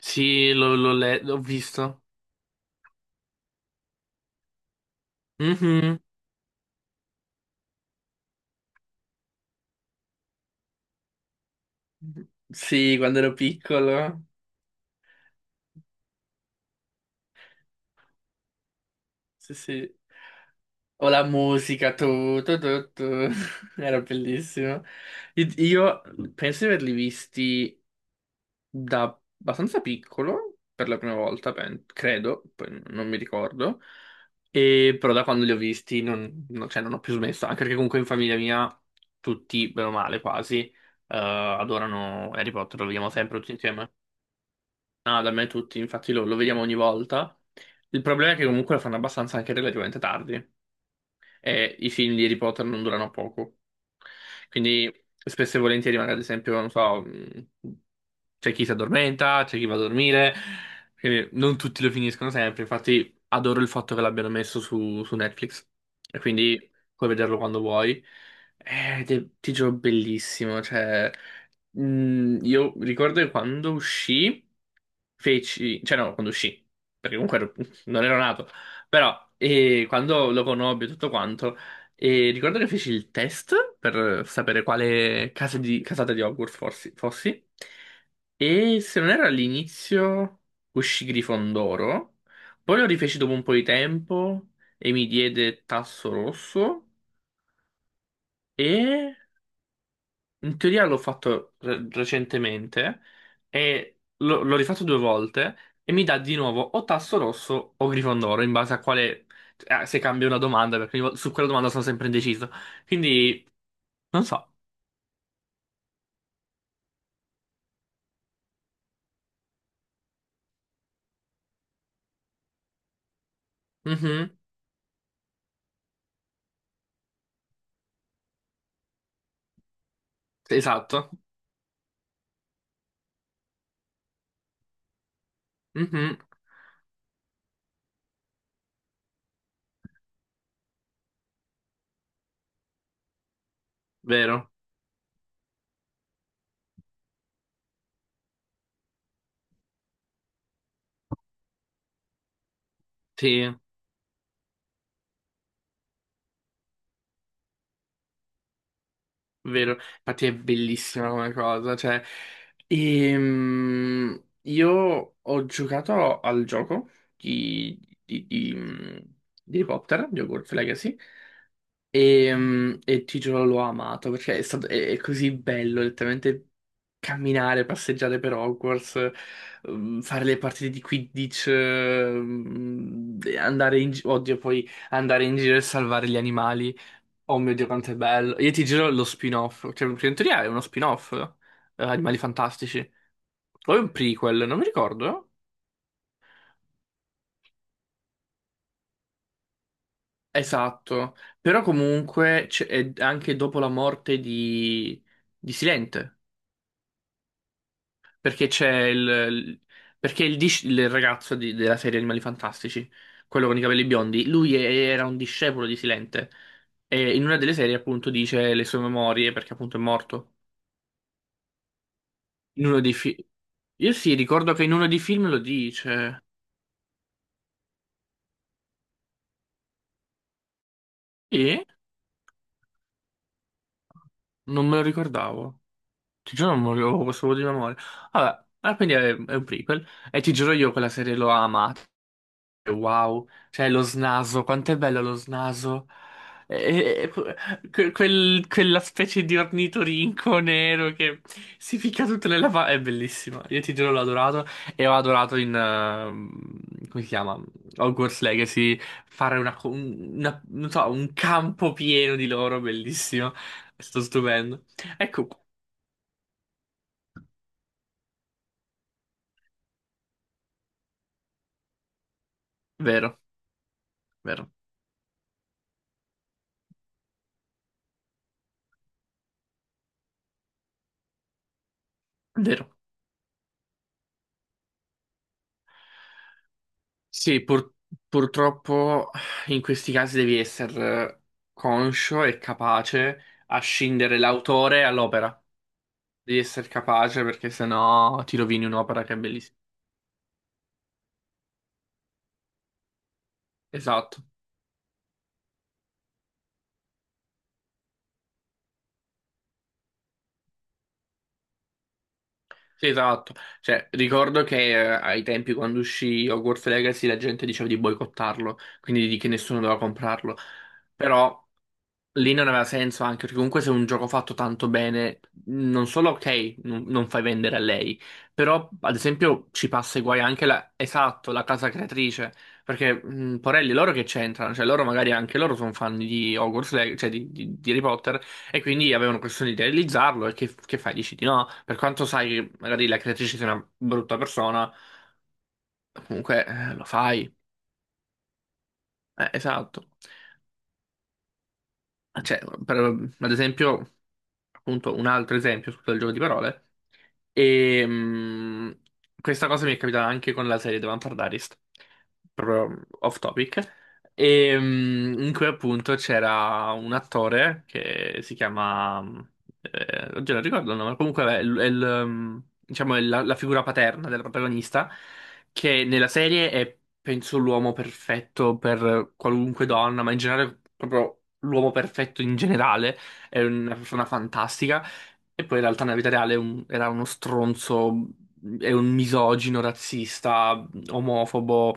Sì, l'ho visto. Mhm. Sì, quando ero piccolo. Sì, sì. O la musica, tu, tu, tu, tu. Era bellissimo. Io penso di averli visti da abbastanza piccolo, per la prima volta, credo, poi non mi ricordo. E però da quando li ho visti cioè, non ho più smesso, anche perché comunque in famiglia mia tutti, bene o male, quasi, adorano Harry Potter, lo vediamo sempre tutti insieme. Ah, da me tutti, infatti lo vediamo ogni volta. Il problema è che comunque lo fanno abbastanza anche relativamente tardi e i film di Harry Potter non durano poco. Quindi spesso e volentieri, magari ad esempio, non so, c'è chi si addormenta, c'è chi va a dormire, quindi non tutti lo finiscono sempre. Infatti, adoro il fatto che l'abbiano messo su Netflix e quindi puoi vederlo quando vuoi. Ed è, ti giuro, bellissimo. Cioè, io ricordo che quando uscì, feci, cioè, no, quando uscì, perché comunque non ero nato. Però quando lo conobbi e tutto quanto, ricordo che feci il test per sapere quale casata di Hogwarts fossi. E se non erro all'inizio uscì Grifondoro, poi lo rifeci dopo un po' di tempo e mi diede Tasso Rosso. E in teoria l'ho fatto recentemente e l'ho rifatto due volte e mi dà di nuovo o tasso rosso o Grifondoro in base a quale... se cambia una domanda, perché su quella domanda sono sempre indeciso. Quindi, non so. Mhm. Esatto. Mhm. Vero. Sì, vero. Infatti è bellissima come cosa. Cioè, io ho giocato al gioco di, di, di, di Harry Potter, di Hogwarts Legacy. E ti giuro, l'ho amato perché è stato, è così bello letteralmente camminare, passeggiare per Hogwarts, fare le partite di Quidditch, e andare in giro, oddio, poi andare in giro e salvare gli animali. Oh mio Dio, quanto è bello! Io ti giuro lo spin-off, cioè, perché in teoria è uno spin-off, Animali Fantastici. O è un prequel, non mi ricordo. Esatto, però comunque è anche dopo la morte di Silente. Perché c'è il. Perché il ragazzo della serie Animali Fantastici, quello con i capelli biondi, lui era un discepolo di Silente. E in una delle serie, appunto, dice le sue memorie perché, appunto, è morto. In uno dei film. Io sì, ricordo che in uno dei film lo dice. E non me lo ricordavo. Ti giuro, non me lo- avevo questo vuoto di memoria. Vabbè, ah, quindi è un prequel. E ti giuro, io quella serie l'ho amata. Wow, cioè lo snaso, quanto è bello lo snaso. E- e- quella specie di ornitorinco nero che si ficca tutto nella fa... È bellissimo, io ti giuro l'ho adorato e ho adorato in... come si chiama? Hogwarts Legacy, fare una, co- un- una- non so, un campo pieno di loro, bellissimo. È stato stupendo. Ecco, vero, vero, vero. Sì, purtroppo in questi casi devi essere conscio e capace a scindere l'autore all'opera. Devi essere capace perché sennò ti rovini un'opera che è bellissima. Esatto. Sì, esatto. Cioè, ricordo che ai tempi quando uscì Hogwarts Legacy la gente diceva di boicottarlo, quindi di che nessuno doveva comprarlo. Però lì non aveva senso anche, perché comunque se è un gioco fatto tanto bene, non solo ok, non fai vendere a lei, però ad esempio ci passa i guai anche la, esatto, la casa creatrice, perché Porelli, loro che c'entrano? Cioè loro magari anche loro sono fan di Hogwarts Legacy, cioè di Harry Potter, e quindi avevano questione di realizzarlo, e che fai? Dici di no? Per quanto sai magari la creatrice sia una brutta persona, comunque lo fai. Esatto. Ah, cioè, ad esempio, appunto, un altro esempio, scusa il gioco di parole, e mh, questa cosa mi è capitata anche con la serie The Vampire Diaries, proprio off topic, in cui appunto c'era un attore che si chiama, oggi non ricordo il nome, comunque vabbè, è, diciamo, è la figura paterna della protagonista, che nella serie è, penso, l'uomo perfetto per qualunque donna, ma in generale proprio l'uomo perfetto in generale, è una persona fantastica, e poi in realtà nella vita reale era uno stronzo, è un misogino, razzista, omofobo,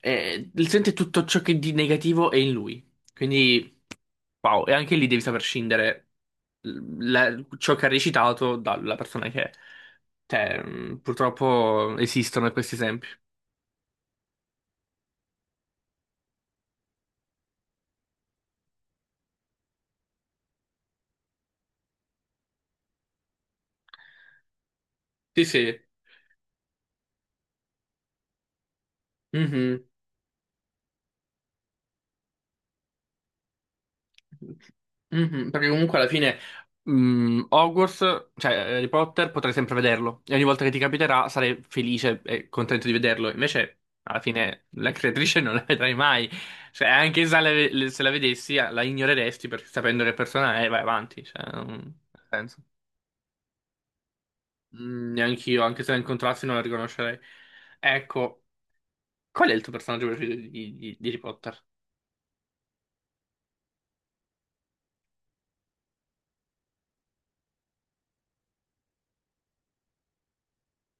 e sente tutto ciò che di negativo è in lui. Quindi, wow, e anche lì devi saper scindere ciò che ha recitato dalla persona che è. Cioè, purtroppo esistono questi esempi. Sì, sì. Mhm. Mhm, perché comunque alla fine Hogwarts, cioè Harry Potter, potrai sempre vederlo e ogni volta che ti capiterà sarai felice e contento di vederlo. Invece, alla fine, la creatrice non la vedrai mai. Cioè, anche se la vedessi, ah, la ignoreresti perché sapendo che persona è, vai avanti. Cioè, non ha senso. Mm, neanche io, anche se la incontrassi, non la riconoscerei. Ecco, qual è il tuo personaggio preferito di Harry Potter?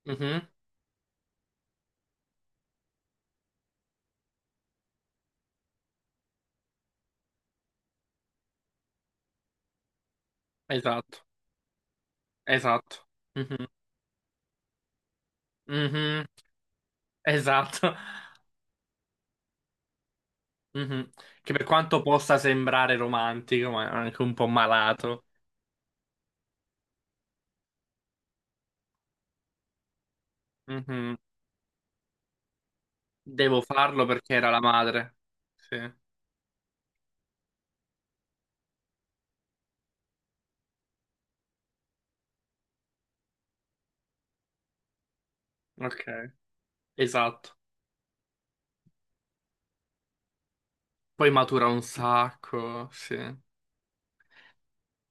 Mhm, esatto, esatto. Mhm, mhm, esatto. Mhm. Che per quanto possa sembrare romantico, ma è anche un po' malato. Mhm. Devo farlo perché era la madre. Sì, ok, esatto. Poi matura un sacco, sì.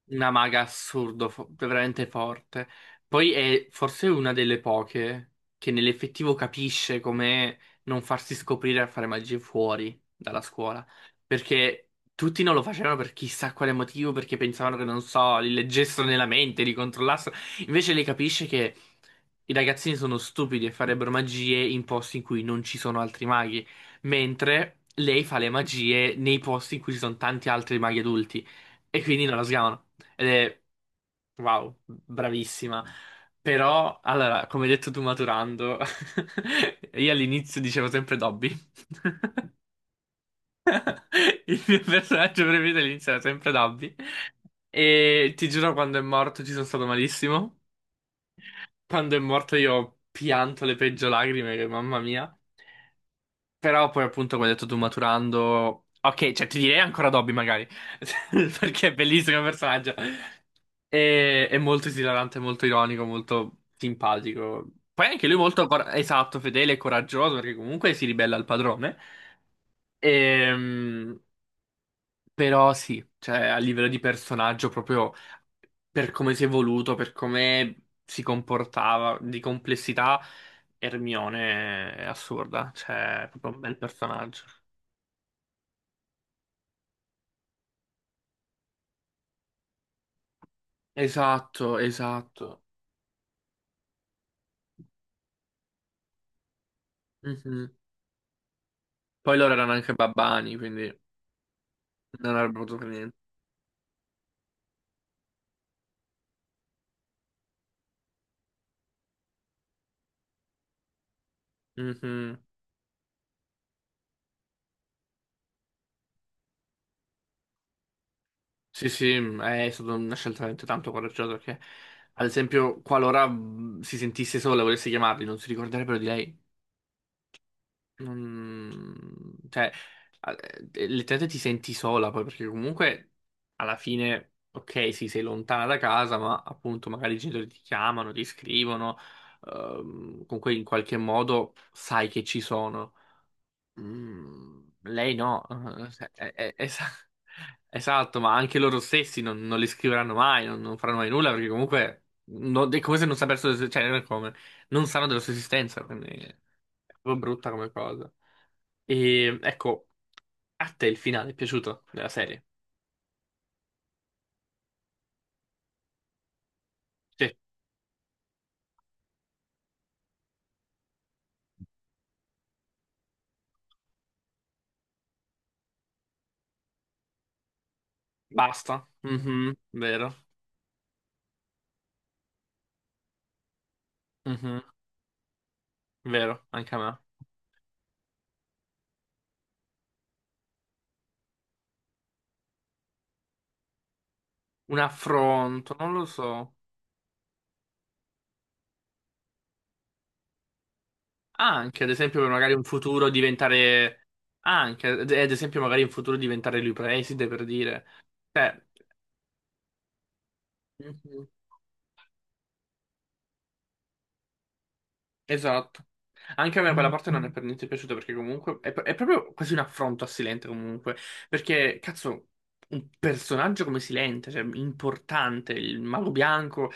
Una maga assurdo, veramente forte. Poi è forse una delle poche che nell'effettivo capisce come non farsi scoprire a fare magie fuori dalla scuola. Perché tutti non lo facevano per chissà quale motivo, perché pensavano che, non so, li leggessero nella mente, li controllassero. Invece lei capisce che i ragazzini sono stupidi e farebbero magie in posti in cui non ci sono altri maghi. Mentre lei fa le magie nei posti in cui ci sono tanti altri maghi adulti. E quindi non la sgamano. Ed è, wow, bravissima. Però, allora, come hai detto tu maturando, io all'inizio dicevo sempre Dobby. Il mio personaggio preferito all'inizio era sempre Dobby. E ti giuro, quando è morto ci sono stato malissimo. Quando è morto io ho pianto le peggio lacrime, che mamma mia. Però poi appunto come hai detto tu maturando... Ok, cioè ti direi ancora Dobby magari, perché è bellissimo il personaggio. È, molto esilarante, molto ironico, molto simpatico. Poi anche lui molto, esatto, fedele e coraggioso, perché comunque si ribella al padrone. Ehm, però sì, cioè a livello di personaggio, proprio per come si è evoluto, per come si comportava, di complessità, Hermione è assurda, cioè è proprio un bel personaggio. Esatto, esatto. Mhm. Poi loro erano anche babbani, quindi non avrebbero potuto fare niente. Mhm. Sì, sì, è stata una scelta veramente tanto coraggiosa perché, ad esempio, qualora si sentisse sola e volesse chiamarli, non si ricorderebbero di lei. Non... Cioè, letteralmente ti senti sola poi perché comunque alla fine, ok, sì, sei lontana da casa, ma appunto magari i genitori ti chiamano, ti scrivono, comunque in qualche modo sai che ci sono. Mm, lei no, Eh, eh, es- esatto, ma anche loro stessi non li scriveranno mai, non faranno mai nulla perché comunque è come se non sapessero, cioè non è come, non sanno della sua esistenza, quindi è proprio brutta come cosa. E ecco, a te il finale è piaciuto della serie? Sì, basta, Mhm, vero, anche a me. Un affronto, non lo so. Anche, ad esempio, per magari un futuro diventare... Anche, ad esempio, magari in futuro diventare lui preside, per dire. Cioè, mhm, esatto. Anche a me quella parte non è per niente piaciuta, perché comunque è proprio quasi un affronto a Silente, comunque. Perché, cazzo, un personaggio come Silente, cioè, importante, il mago bianco,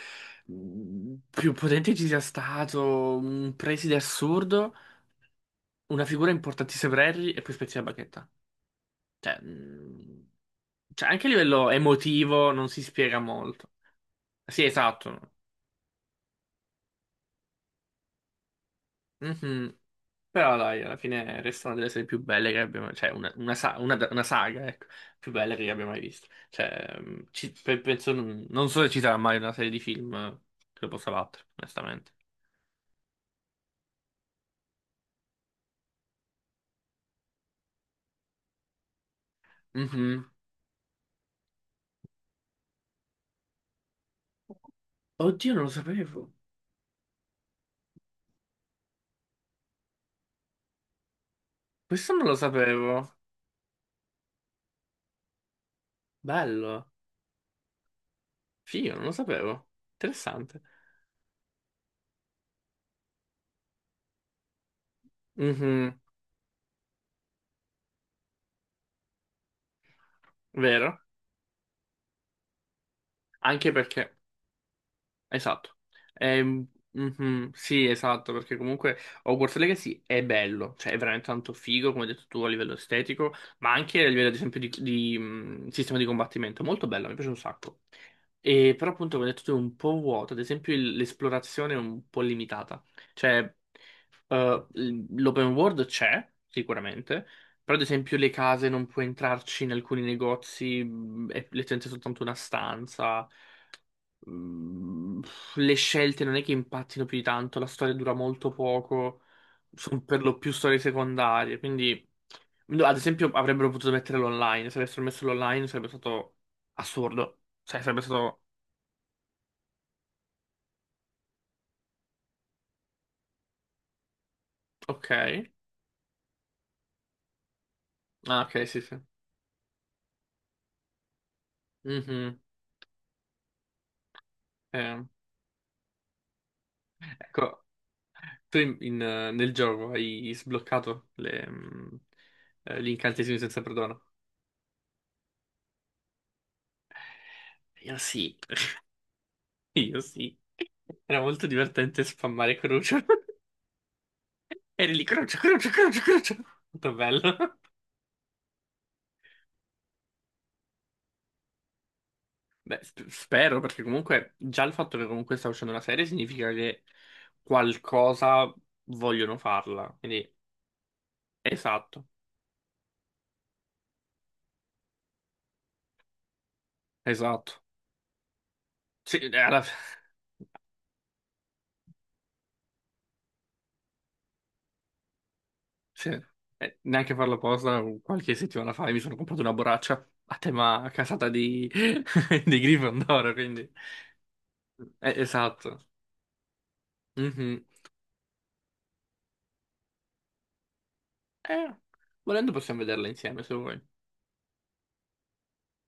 più potente ci sia stato, un preside assurdo, una figura importantissima per Harry, e poi spezzi la bacchetta. Cioè, mh, cioè, anche a livello emotivo non si spiega molto. Sì, esatto. Mhm. Però dai, alla fine resta una delle serie più belle che abbiamo, cioè una saga, ecco, più bella che abbia mai visto. Cioè, penso, non so se ci sarà mai una serie di film che lo possa battere, onestamente. Mhm. Oddio, non lo sapevo. Questo non lo sapevo. Bello. Figo, non lo sapevo. Interessante. Mhm. Vero? Anche perché... Esatto. Mhm, sì, esatto, perché comunque Hogwarts Legacy è bello, cioè è veramente tanto figo, come hai detto tu, a livello estetico, ma anche a livello, ad esempio, sistema di combattimento. Molto bello, mi piace un sacco. E, però, appunto, come hai detto tu, è un po' vuoto, ad esempio, l'esplorazione è un po' limitata. Cioè, l'open world c'è, sicuramente, però, ad esempio, le case non puoi entrarci in alcuni negozi, è letteralmente soltanto una stanza. Mm, le scelte non è che impattino più di tanto, la storia dura molto poco, sono per lo più storie secondarie, quindi no, ad esempio avrebbero potuto metterlo online, se avessero messo l'online sarebbe stato assurdo, cioè sarebbe stato ok. Ah, ok, sì, sì. Mhm, eh. Ecco, tu nel gioco hai sbloccato gli incantesimi senza perdono. Io sì, io sì. Era molto divertente spammare Crucio. Eri lì, croce, croce, croce, croce. Molto bello. Beh, spero, perché comunque già il fatto che comunque sta uscendo una serie significa che qualcosa vogliono farla. Quindi, esatto, esatto. Sì, sì. Neanche farlo apposta, qualche settimana fa mi sono comprato una borraccia a tema casata di, di Gryffindor, quindi... esatto. Mhm. Eh, volendo possiamo vederla insieme, se vuoi.